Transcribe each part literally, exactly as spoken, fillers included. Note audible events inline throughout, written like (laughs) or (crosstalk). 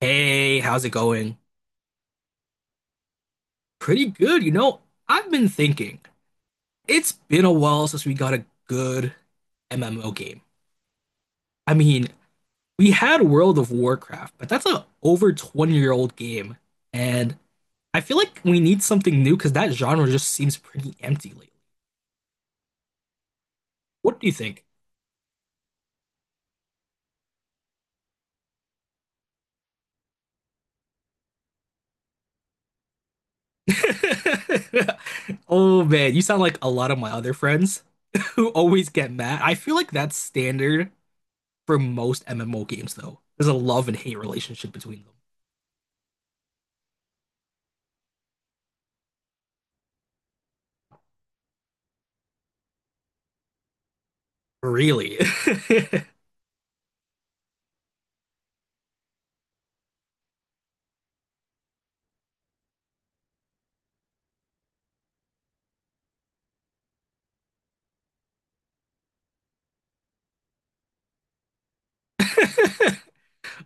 Hey, how's it going? Pretty good, you know. I've been thinking. It's been a while since we got a good M M O game. I mean, we had World of Warcraft, but that's a over twenty year old game. And I feel like we need something new because that genre just seems pretty empty lately. What do you think? (laughs) Oh man, you sound like a lot of my other friends (laughs) who always get mad. I feel like that's standard for most M M O games, though. There's a love and hate relationship between them. Really? (laughs)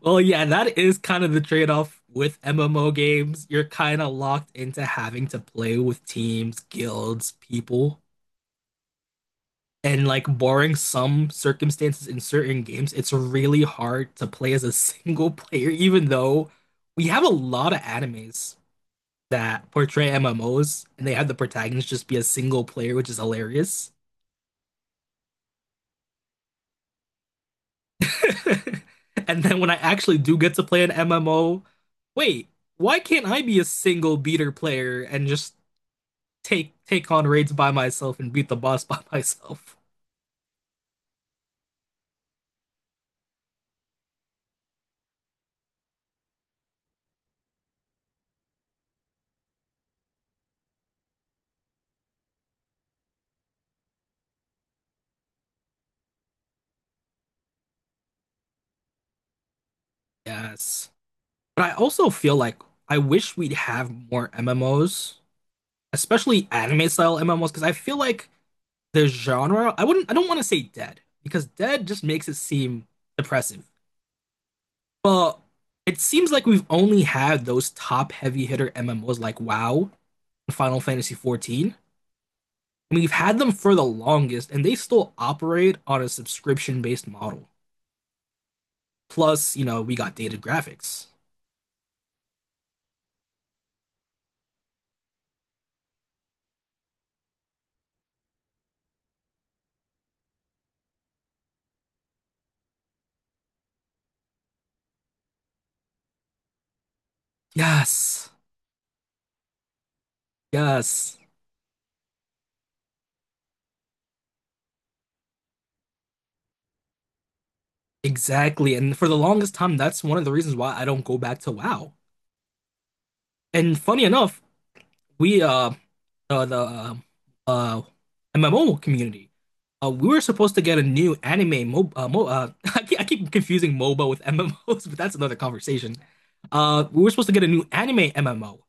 Well, yeah, that is kind of the trade-off with M M O games. You're kind of locked into having to play with teams, guilds, people. And like barring some circumstances in certain games, it's really hard to play as a (laughs) single player, even though we have a lot of animes that portray M M Os and they have the protagonist just be a single player, which is hilarious. (laughs) And then when I actually do get to play an M M O, wait, why can't I be a single beater player and just take take on raids by myself and beat the boss (laughs) by myself? Yes. But I also feel like I wish we'd have more M M Os, especially anime style M M Os, because I feel like the genre, I wouldn't I don't want to say dead, because dead just makes it seem depressive. But it seems like we've only had those top heavy hitter M M Os like WoW Final Fantasy fourteen. I mean, we've had them for the longest, and they still operate on a subscription-based model. Plus, you know, we got dated graphics. Yes, yes, exactly. And for the longest time, that's one of the reasons why I don't go back to WoW. And funny enough, we uh uh, the um, uh, M M O community. Uh, we were supposed to get a new anime mo, uh, mo uh, (laughs) I keep, I keep confusing MOBA with (laughs) M M Os, but that's another conversation. Uh, we were supposed to get a new anime M M O,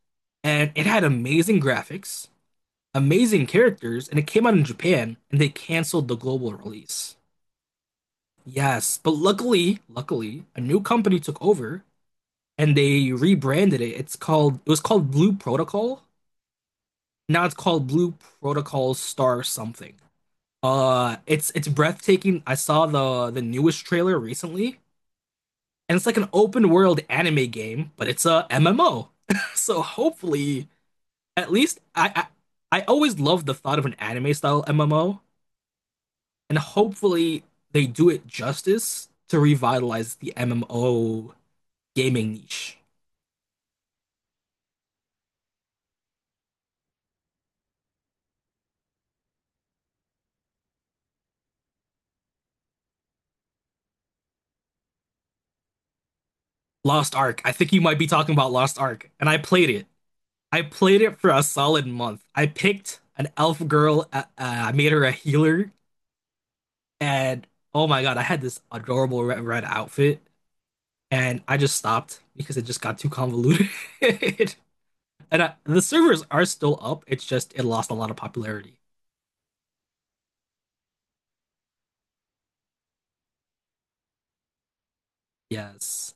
and it had amazing graphics, amazing characters, and it came out in Japan, and they canceled the global release. Yes, but luckily, luckily, a new company took over and they rebranded it. It's called, it was called Blue Protocol. Now it's called Blue Protocol Star something. Uh, it's it's breathtaking. I saw the the newest trailer recently, and it's like an open world anime game, but it's a M M O. (laughs) So hopefully, at least I I, I always love the thought of an anime style M M O, and hopefully they do it justice to revitalize the M M O gaming niche. Lost Ark. I think you might be talking about Lost Ark, and I played it. I played it for a solid month. I picked an elf girl. Uh, uh, I made her a healer. And oh my God, I had this adorable red, red outfit, and I just stopped because it just got too convoluted. (laughs) And I, the servers are still up. It's just it lost a lot of popularity. Yes,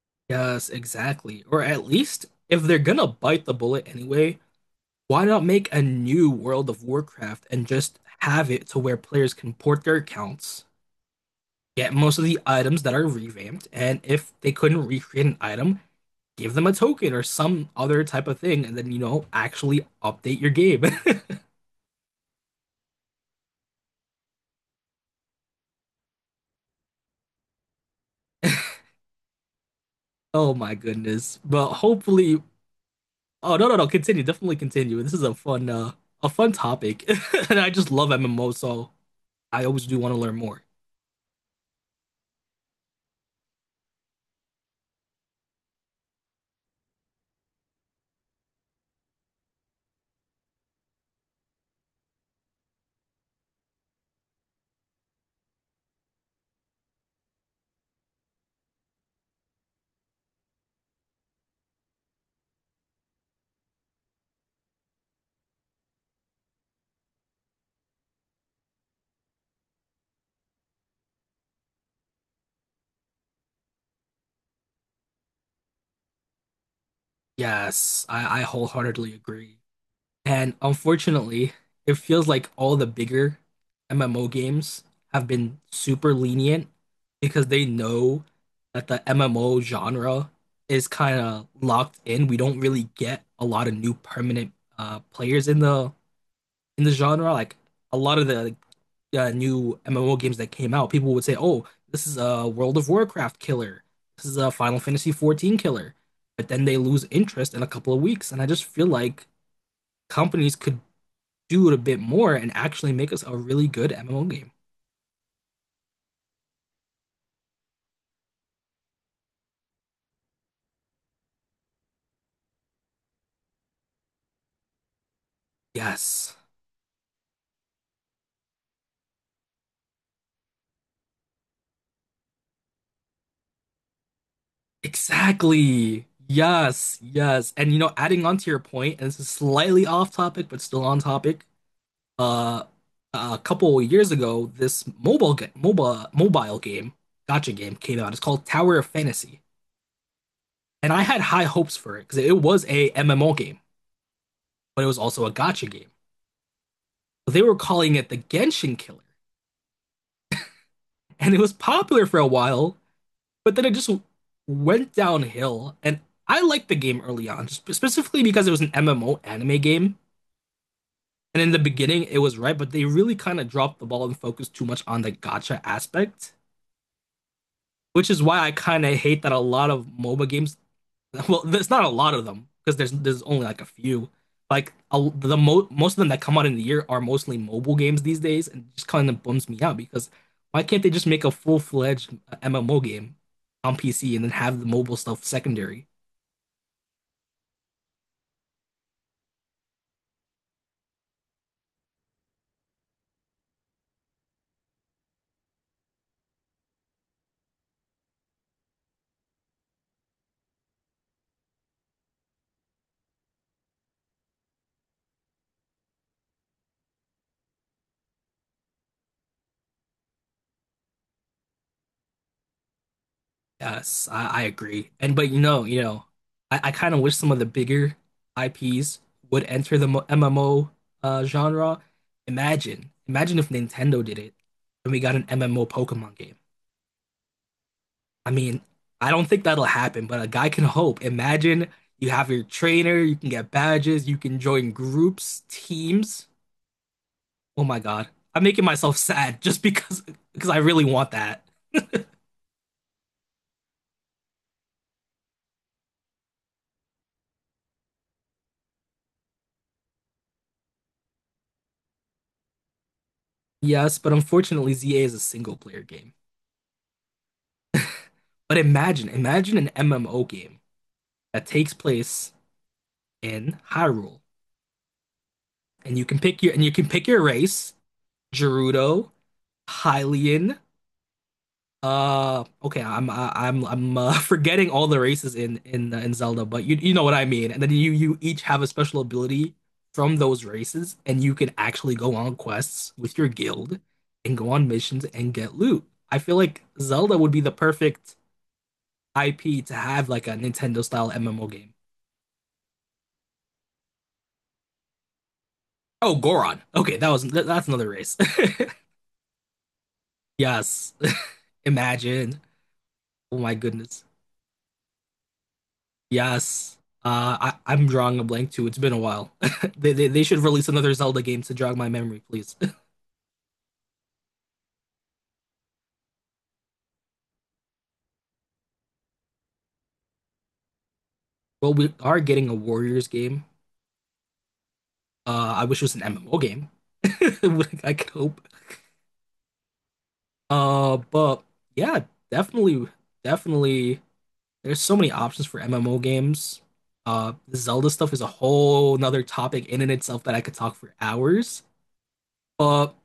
(laughs) yes, exactly. Or at least if they're gonna bite the bullet anyway, why not make a new World of Warcraft and just have it to where players can port their accounts, get most of the items that are revamped, and if they couldn't recreate an item, give them a token or some other type of thing, and then, you know, actually update your game. (laughs) Oh my goodness. But hopefully, oh no, no, no, continue. Definitely continue. This is a fun, uh, a fun topic. (laughs) And I just love M M O, so I always do want to learn more. Yes, I, I wholeheartedly agree. And unfortunately, it feels like all the bigger M M O games have been super lenient because they know that the M M O genre is kind of locked in. We don't really get a lot of new permanent uh, players in the in the genre. Like a lot of the like, uh, New M M O games that came out, people would say, "Oh, this is a World of Warcraft killer. This is a Final Fantasy fourteen killer." But then they lose interest in a couple of weeks, and I just feel like companies could do it a bit more and actually make us a really good M M O game. Yes, exactly. Yes, yes. And you know, adding on to your point, and this is slightly off topic, but still on topic. Uh, a couple of years ago, this mobile ga- mobile mobile game, gotcha game came out. It's called Tower of Fantasy, and I had high hopes for it because it was a M M O game, but it was also a gotcha game. They were calling it the Genshin Killer, and it was popular for a while but then it just went downhill. And I liked the game early on, sp- specifically because it was an M M O anime game. And in the beginning, it was right, but they really kind of dropped the ball and focused too much on the gacha aspect, which is why I kind of hate that a lot of MOBA games. (laughs) Well, there's not a lot of them because there's there's only like a few. Like a, the mo- most of them that come out in the year are mostly mobile games these days, and just kind of bums me out because why can't they just make a full fledged M M O game on P C and then have the mobile stuff secondary? Yes, I, I agree. And but you know, you know, I, I kind of wish some of the bigger I Ps would enter the mo- M M O uh, genre. Imagine, imagine if Nintendo did it and we got an M M O Pokemon game. I mean, I don't think that'll happen, but a guy can hope. Imagine you have your trainer, you can get badges, you can join groups, teams. Oh my God, I'm making myself (laughs) sad just because because I really want that. (laughs) Yes, but unfortunately, Z A is a single player game. But imagine, imagine an M M O game that takes place in Hyrule, and you can pick your and you can pick your race, Gerudo, Hylian. Uh, okay, I'm I- am I I'm uh, (laughs) forgetting all the races in in uh, in Zelda, but you you know what I mean. And then you you each have a special ability from those races, and you can actually go on quests with your guild and go on missions and get loot. I feel like Zelda would be the perfect I P to have like a Nintendo style M M O game. Oh, Goron. Okay, that was that's another race. (laughs) yes. (laughs) Imagine. Oh my goodness. Yes. Uh, I, I'm drawing a blank too. It's been a while. (laughs) they, they they should release another Zelda game to jog my memory, please. (laughs) well, we are getting a Warriors game. Uh, I wish it was an M M O game. (laughs) I could hope. Uh, but Yeah, definitely, definitely. There's so many options for M M O games. Uh, the Zelda stuff is a whole nother topic in and itself that I could talk for hours. But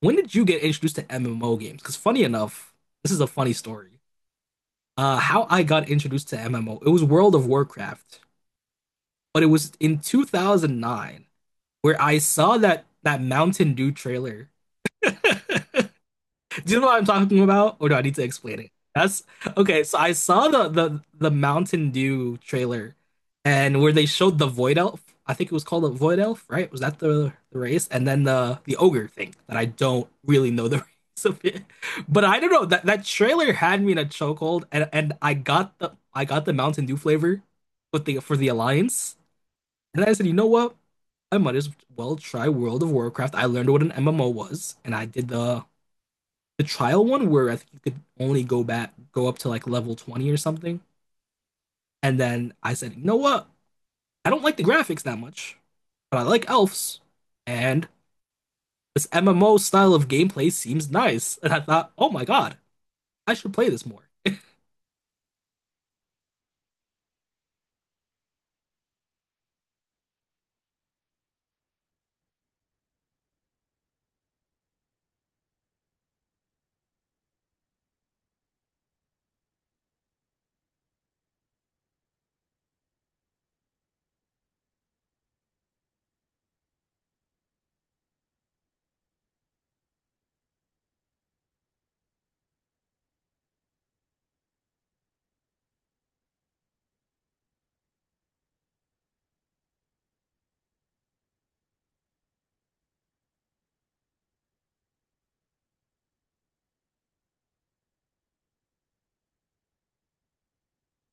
When did you get introduced to M M O games? Because funny enough, this is a funny story. Uh, how I got introduced to M M O, it was World of Warcraft, but it was in two thousand nine where I saw that that Mountain Dew trailer. (laughs) Do you know what I'm talking about, or do I need to explain it? That's okay. So I saw the the the Mountain Dew trailer, and where they showed the Void Elf. I think it was called a Void Elf, right? Was that the the race? And then the the ogre thing that I don't really know the (laughs) race of it, but I don't know that that trailer had me in a chokehold, and and I got the I got the Mountain Dew flavor, but the for the Alliance, and I said, you know what? I might as well try World of Warcraft. I learned what an M M O was, and I did the the trial one where I think you could only go back, go up to like level twenty or something. And then I said, you know what? I don't like the graphics that much, but I like elves. And this M M O style of gameplay seems nice. And I thought, oh my God, I should play this more.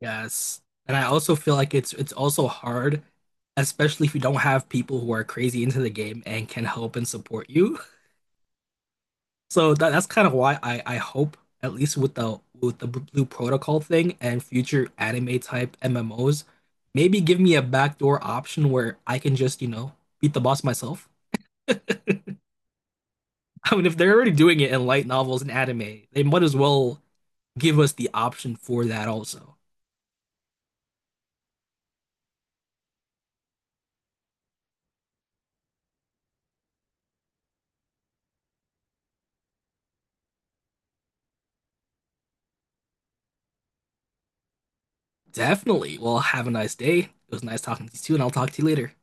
Yes. And I also feel like it's it's also hard, especially if you don't have people who are crazy into the game and can help and support you. So that that's kind of why I I hope at least with the with the Blue Protocol thing and future anime type M M Os, maybe give me a backdoor option where I can just, you know, beat the boss myself. (laughs) I mean, if they're already doing it in light novels and anime, they might as well give us the option for that also. Definitely. Well, have a nice day. It was nice talking to you, too, and I'll talk to you later.